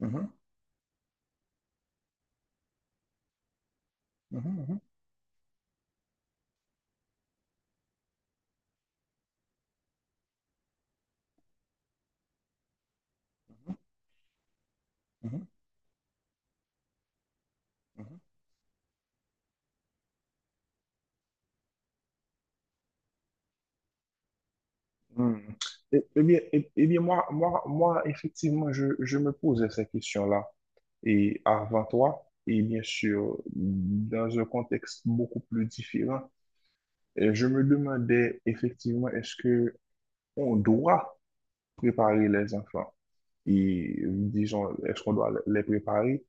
Mhm, mhm, mhm, mhm, mhm, mhm. Hmm. Eh, eh bien moi, moi, moi, effectivement, je me posais ces questions-là. Et avant toi, et bien sûr, dans un contexte beaucoup plus différent, je me demandais effectivement, est-ce que on doit préparer les enfants? Et disons, est-ce qu'on doit les préparer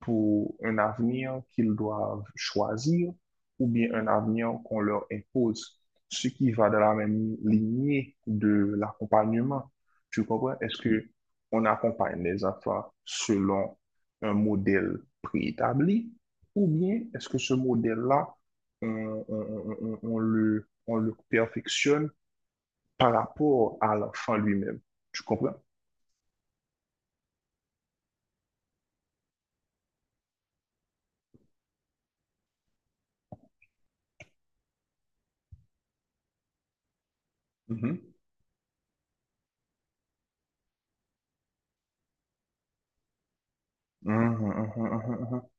pour un avenir qu'ils doivent choisir ou bien un avenir qu'on leur impose, ce qui va dans la même lignée de l'accompagnement. Tu comprends? Est-ce que on accompagne les enfants selon un modèle préétabli, ou bien est-ce que ce modèle-là, on le perfectionne par rapport à l'enfant lui-même? Tu comprends? Mhm. Mhm, mhm, mhm, mhm.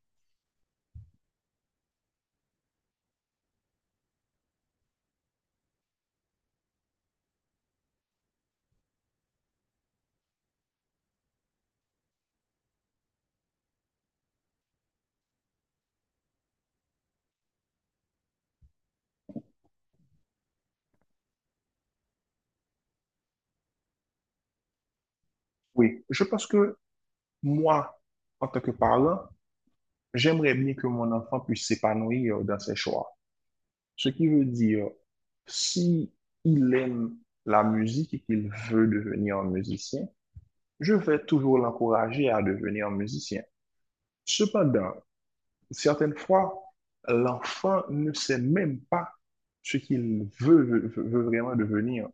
Oui, je pense que moi, en tant que parent, j'aimerais bien que mon enfant puisse s'épanouir dans ses choix. Ce qui veut dire, si il aime la musique et qu'il veut devenir un musicien, je vais toujours l'encourager à devenir musicien. Cependant, certaines fois, l'enfant ne sait même pas ce qu'il veut vraiment devenir.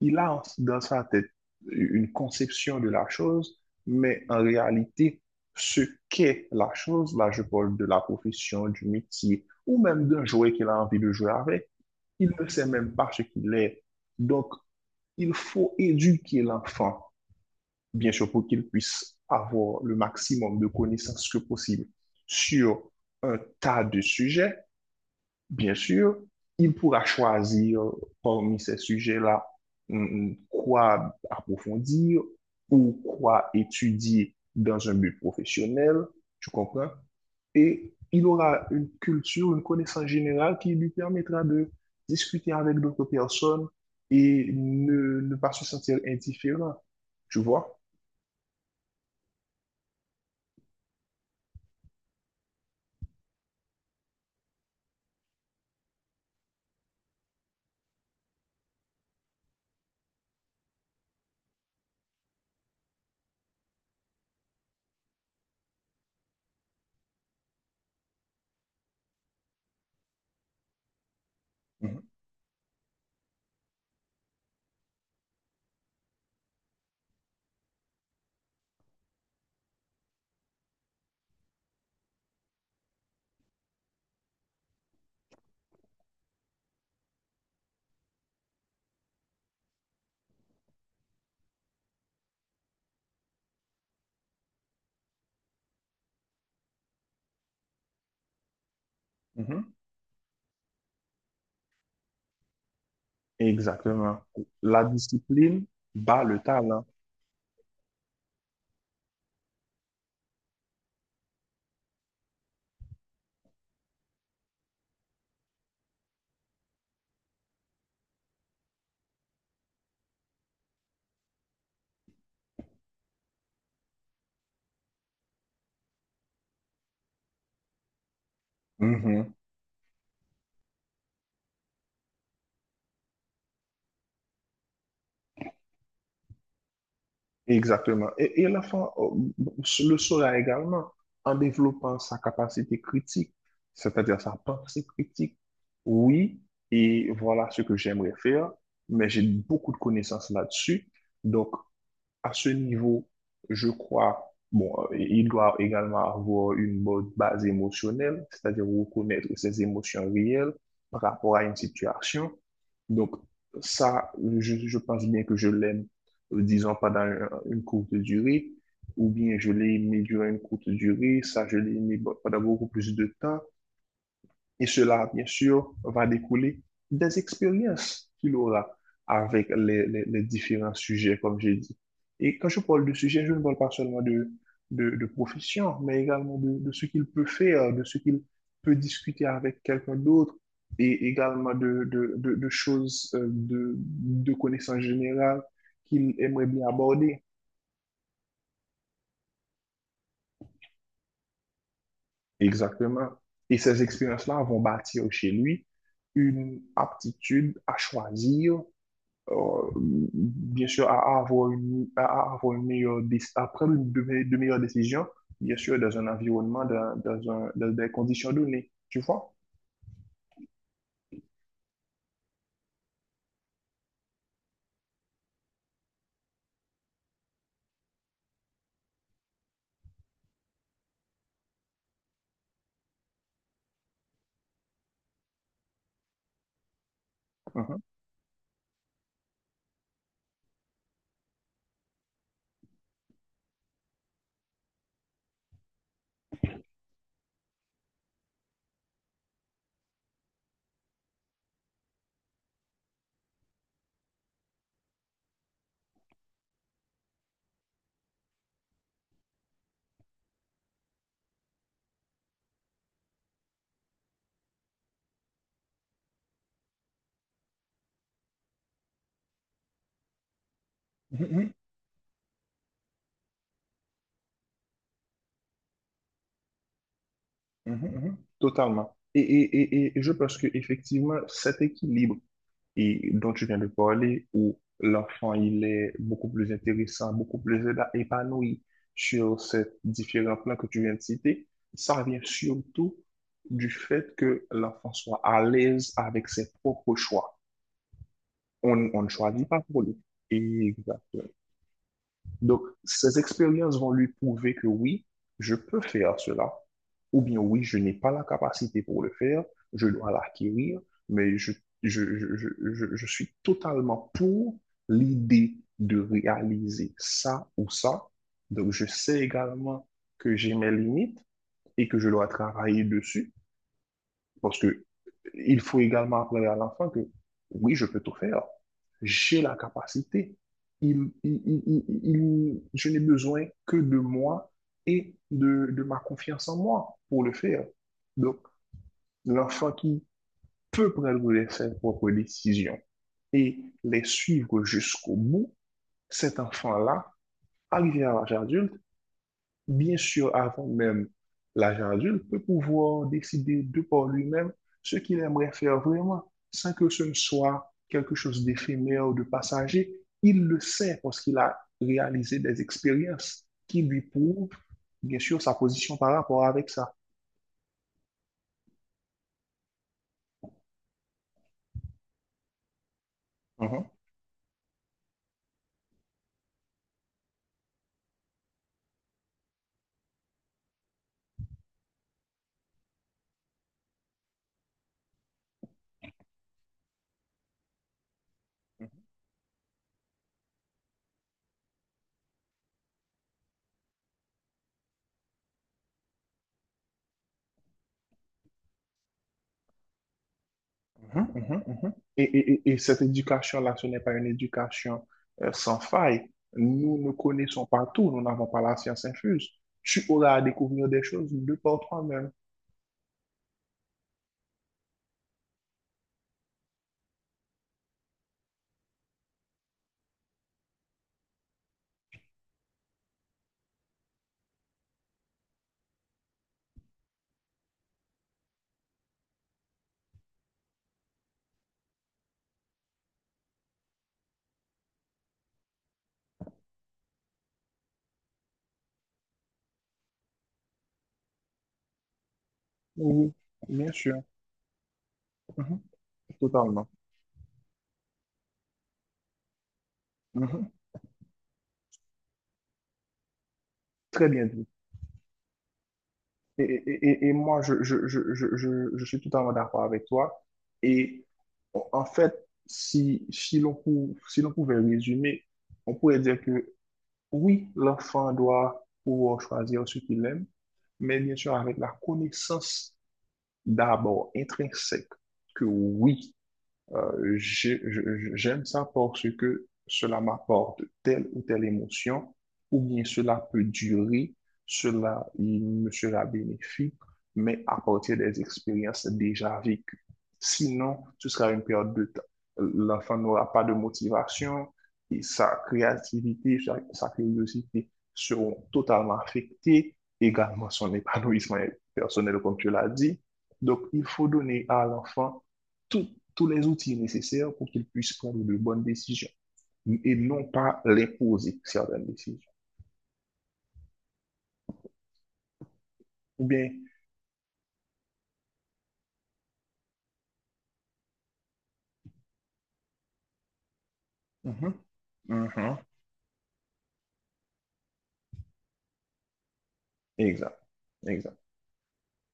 Il a dans sa tête une conception de la chose, mais en réalité, ce qu'est la chose, là je parle de la profession, du métier, ou même d'un jouet qu'il a envie de jouer avec, il ne sait même pas ce qu'il est. Donc, il faut éduquer l'enfant, bien sûr, pour qu'ils puissent avoir le maximum de connaissances que possible sur un tas de sujets. Bien sûr, il pourra choisir parmi ces sujets-là quoi approfondir ou quoi étudier dans un but professionnel, tu comprends? Et il aura une culture, une connaissance générale qui lui permettra de discuter avec d'autres personnes et ne pas se sentir indifférent, tu vois? Mhm, mhm. Exactement. La discipline bat le talent. Mhm. Exactement. Et l'enfant le saura également en développant sa capacité critique, c'est-à-dire sa pensée critique. Oui, et voilà ce que j'aimerais faire, mais j'ai beaucoup de connaissances là-dessus. Donc, à ce niveau, je crois, bon, il doit également avoir une bonne base émotionnelle, c'est-à-dire reconnaître ses émotions réelles par rapport à une situation. Donc, ça, je pense bien que je l'aime, disons, pendant une courte durée, ou bien je l'ai aimé durant une courte durée, ça, je l'ai aimé pendant beaucoup plus de temps. Et cela, bien sûr, va découler des expériences qu'il aura avec les différents sujets, comme j'ai dit. Et quand je parle de sujet, je ne parle pas seulement de profession, mais également de ce qu'il peut faire, de ce qu'il peut discuter avec quelqu'un d'autre, et également de choses, de connaissances générales qu'il aimerait bien aborder. Exactement. Et ces expériences-là vont bâtir chez lui une aptitude à choisir, bien sûr, à avoir une meilleure, à prendre de meilleures décisions, bien sûr, dans un environnement, dans des conditions données, tu vois? Mhm. Mhm, mhm, totalement. Et je pense que effectivement cet équilibre et dont tu viens de parler, où l'enfant il est beaucoup plus intéressant, beaucoup plus épanoui sur ces différents plans que tu viens de citer, ça vient surtout du fait que l'enfant soit à l'aise avec ses propres choix. On ne choisit pas pour lui. Exactement. Donc, ces expériences vont lui prouver que oui, je peux faire cela, ou bien oui, je n'ai pas la capacité pour le faire, je dois l'acquérir, mais je suis totalement pour l'idée de réaliser ça ou ça. Donc, je sais également que j'ai mes limites et que je dois travailler dessus. Parce que il faut également apprendre à l'enfant que oui, je peux tout faire. J'ai la capacité. Je n'ai besoin que de moi et de ma confiance en moi pour le faire. Donc, l'enfant qui peut prendre ses propres décisions et les suivre jusqu'au bout, cet enfant-là, arrivé à l'âge adulte, bien sûr, avant même l'agent adulte, peut pouvoir décider de par lui-même ce qu'il aimerait faire vraiment, sans que ce ne soit quelque chose d'éphémère ou de passager. Il le sait parce qu'il a réalisé des expériences qui lui prouvent, bien sûr, sa position par rapport avec ça. Mhm. Mhm, mhm, mhm. Et cette éducation-là, ce n'est pas une éducation sans faille. Nous ne connaissons pas tout, nous n'avons pas la science infuse. Tu auras à découvrir des choses de par toi-même. Oui, oui, bien sûr. Mhm, totalement. Mhm. Très bien dit. Et moi, je suis totalement d'accord avec toi. Et en fait, si l'on pouvait résumer, on pourrait dire que oui, l'enfant doit pouvoir choisir ce qu'il aime, mais bien sûr avec la connaissance d'abord intrinsèque que oui, j'aime ça parce que cela m'apporte telle ou telle émotion, ou bien cela peut durer, cela il me sera bénéfique, mais à partir des expériences déjà vécues. Sinon, ce sera une perte de temps. L'enfant n'aura pas de motivation et sa créativité, sa curiosité seront totalement affectées, également son épanouissement personnel, comme tu l'as dit. Donc, il faut donner à l'enfant tout tous les outils nécessaires pour qu'ils puissent prendre de bonnes décisions et non pas les poser, certaines décisions. Ou bien, mhm, mhm, exact, exact.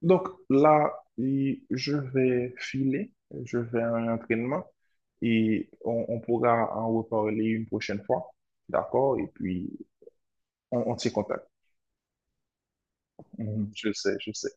Donc là, et je vais filer, je vais à un entraînement et on pourra en reparler une prochaine fois, d'accord? Et puis, on tient contact. Mhm, je sais, je sais.